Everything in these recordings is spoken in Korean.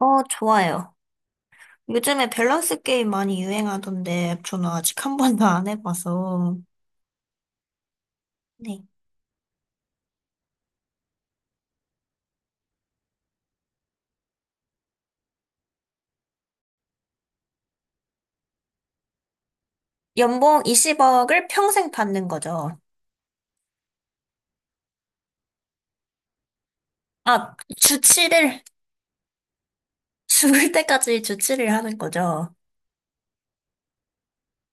좋아요. 요즘에 밸런스 게임 많이 유행하던데 저는 아직 한 번도 안 해봐서. 네. 연봉 20억을 평생 받는 거죠. 아, 주치를, 죽을 때까지 주치를 하는 거죠.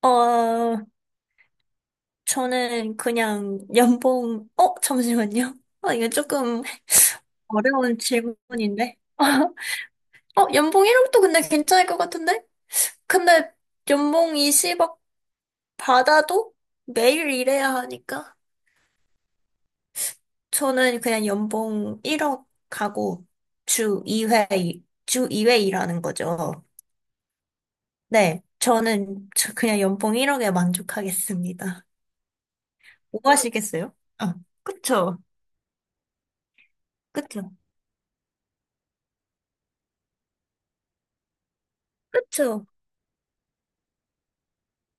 어, 저는 그냥 연봉, 잠시만요. 이거 조금 어려운 질문인데. 연봉 1억도 근데 괜찮을 것 같은데? 근데 연봉 20억 받아도 매일 일해야 하니까. 저는 그냥 연봉 1억 하고 주 2회, 주 이회 일하는 거죠. 네, 저는 그냥 연봉 1억에 만족하겠습니다. 뭐 하시겠어요? 아, 그쵸. 그쵸. 그쵸.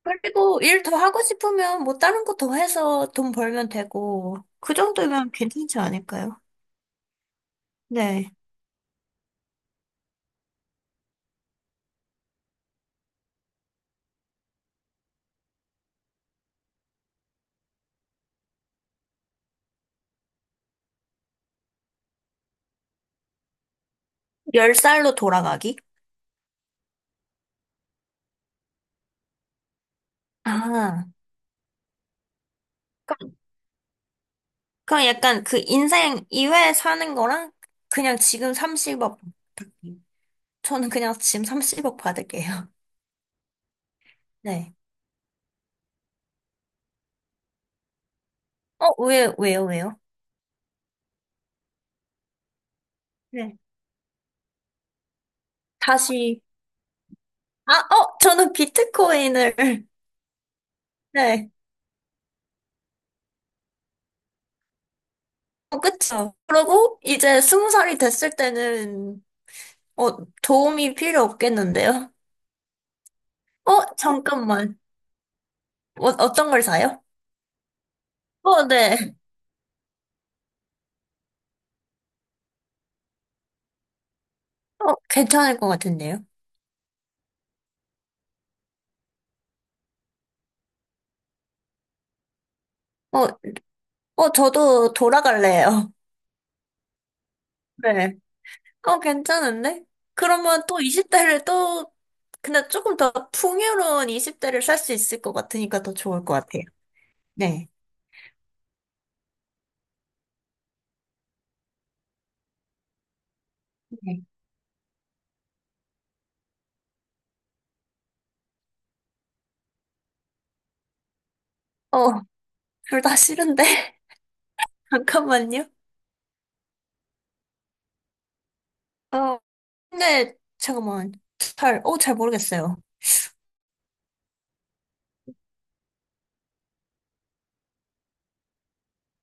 그리고 일 더 하고 싶으면 뭐 다른 거 더 해서 돈 벌면 되고, 그 정도면 괜찮지 않을까요? 네. 10살로 돌아가기? 아, 그럼 그럼 약간 그 인생 2회 사는 거랑 그냥 지금 30억. 저는 그냥 지금 30억 받을게요. 네. 어, 왜요, 왜요? 네. 다시, 아, 저는 비트코인을, 네. 그쵸. 그러고, 이제 20살이 됐을 때는, 어, 도움이 필요 없겠는데요? 잠깐만. 어떤 걸 사요? 네. 괜찮을 것 같은데요? 어, 저도 돌아갈래요. 네. 괜찮은데? 그러면 또 20대를 또, 근데 조금 더 풍요로운 20대를 살 수 있을 것 같으니까 더 좋을 것 같아요. 네. 네. 어, 둘 다 싫은데? 잠깐만요. 어, 근데, 잠깐만. 잘 모르겠어요.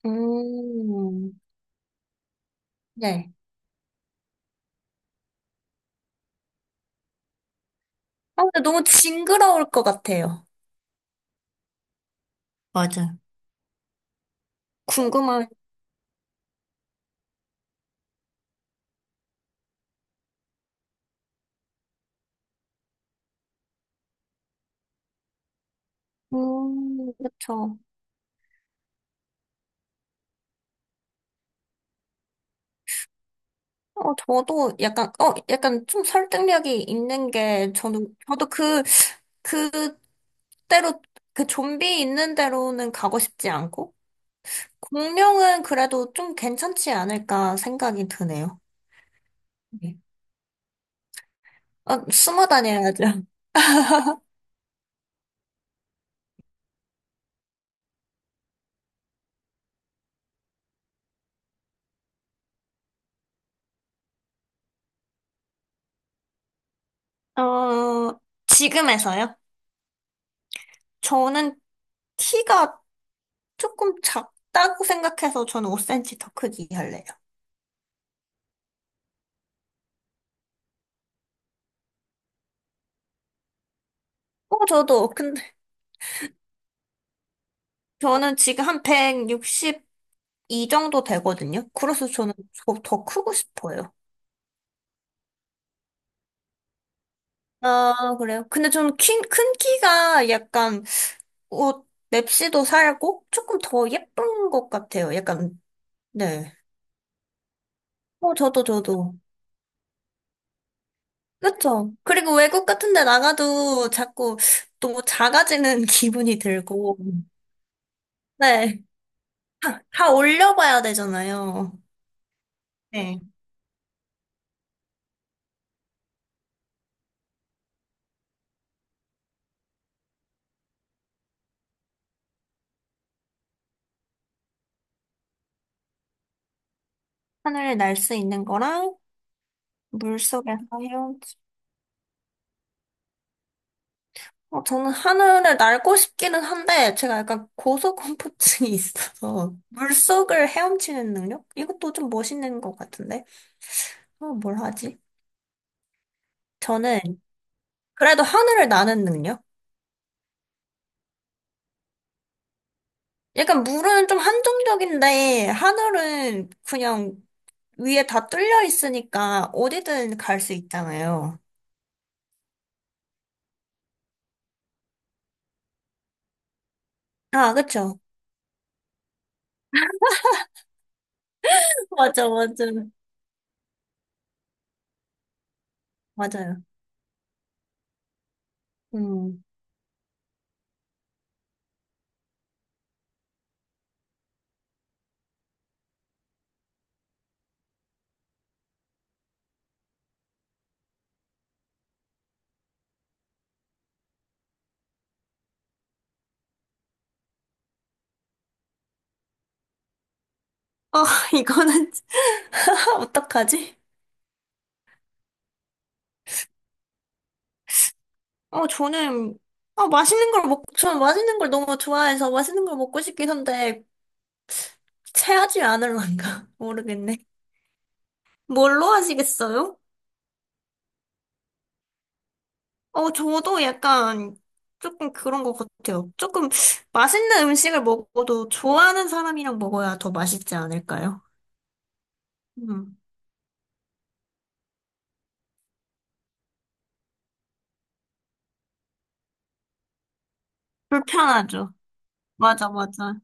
음, 네. 아, 근데 너무 징그러울 것 같아요. 맞아. 궁금한, 그쵸. 저도 약간, 약간 좀 설득력이 있는 게, 저도 그, 그대로 그 좀비 있는 대로는 가고 싶지 않고 공룡은 그래도 좀 괜찮지 않을까 생각이 드네요. 네. 숨어 다녀야죠. 어, 지금에서요? 저는 키가 조금 작다고 생각해서 저는 5cm 더 크기 할래요. 저도. 근데 저는 지금 한 162 정도 되거든요. 그래서 저는 더 크고 싶어요. 아, 그래요? 근데 저는 큰 키가 약간 옷 맵시도 살고 조금 더 예쁜 것 같아요. 약간 네. 저도 저도 그쵸. 그리고 외국 같은 데 나가도 자꾸 너무 작아지는 기분이 들고 네. 다 올려봐야 되잖아요. 네. 하늘을 날 수 있는 거랑 물속에서 헤엄, 치. 저는 하늘을 날고 싶기는 한데 제가 약간 고소공포증이 있어서 물속을 헤엄치는 능력? 이것도 좀 멋있는 것 같은데. 뭘 하지? 저는 그래도 하늘을 나는 능력? 약간 물은 좀 한정적인데, 하늘은 그냥 위에 다 뚫려 있으니까 어디든 갈 수 있잖아요. 아, 그쵸. 맞아, 맞아. 맞아요. 음. 아, 진 어떡하지? 어, 저는, 아, 저는 맛있는 걸 너무 좋아해서 맛있는 걸 먹고 싶긴 한데, 체하지 않을런가? 모르겠네. 뭘로 하시겠어요? 저도 약간 조금 그런 것 같아요. 조금 맛있는 음식을 먹어도 좋아하는 사람이랑 먹어야 더 맛있지 않을까요? 음, 불편하죠. 맞아, 맞아,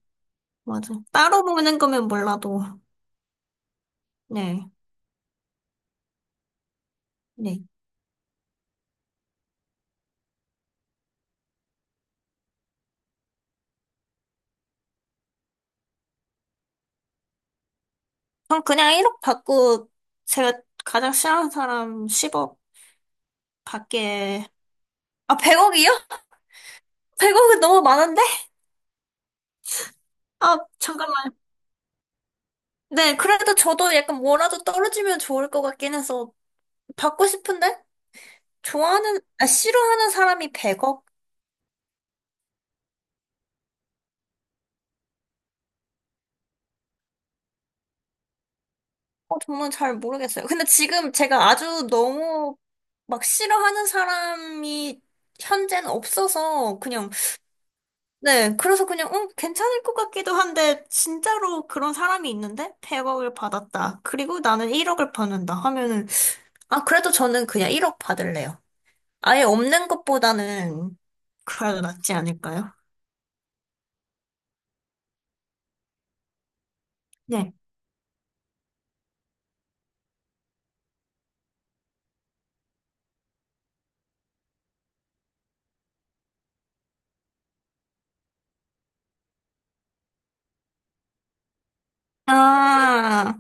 맞아. 따로 먹는 거면 몰라도. 네, 네. 전 그냥 1억 받고 제가 가장 싫어하는 사람 10억 받게. 아, 100억이요? 100억은 너무 많은데? 아, 잠깐만. 네, 그래도 저도 약간 뭐라도 떨어지면 좋을 것 같긴 해서 받고 싶은데? 아, 싫어하는 사람이 100억? 정말 잘 모르겠어요. 근데 지금 제가 아주 너무 막 싫어하는 사람이 현재는 없어서 그냥, 네, 그래서 그냥, 응, 괜찮을 것 같기도 한데, 진짜로 그런 사람이 있는데? 100억을 받았다. 그리고 나는 1억을 받는다 하면은, 아, 그래도 저는 그냥 1억 받을래요. 아예 없는 것보다는 그래도 낫지 않을까요? 네. 아,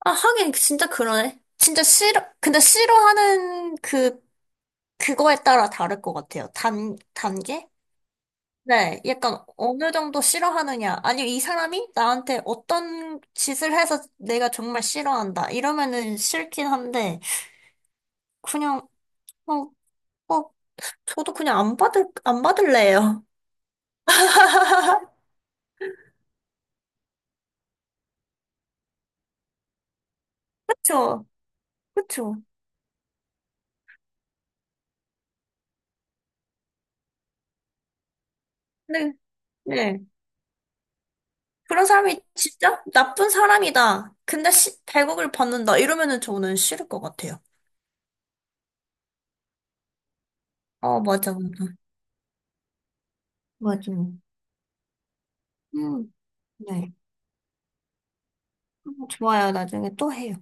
아, 하긴 진짜 그러네. 진짜 싫어, 근데 싫어하는 그, 그거에 따라 다를 것 같아요. 단계? 네, 약간 어느 정도 싫어하느냐. 아니면 이 사람이 나한테 어떤 짓을 해서 내가 정말 싫어한다. 이러면은 싫긴 한데, 그냥, 어, 어, 저도 그냥 안 받을래요. 그쵸, 그쵸. 네, 네. 그런 사람이 진짜 나쁜 사람이다. 근데 100억을 받는다. 이러면은 저는 싫을 것 같아요. 맞아, 맞아. 맞아. 음, 네. 좋아요. 나중에 또 해요.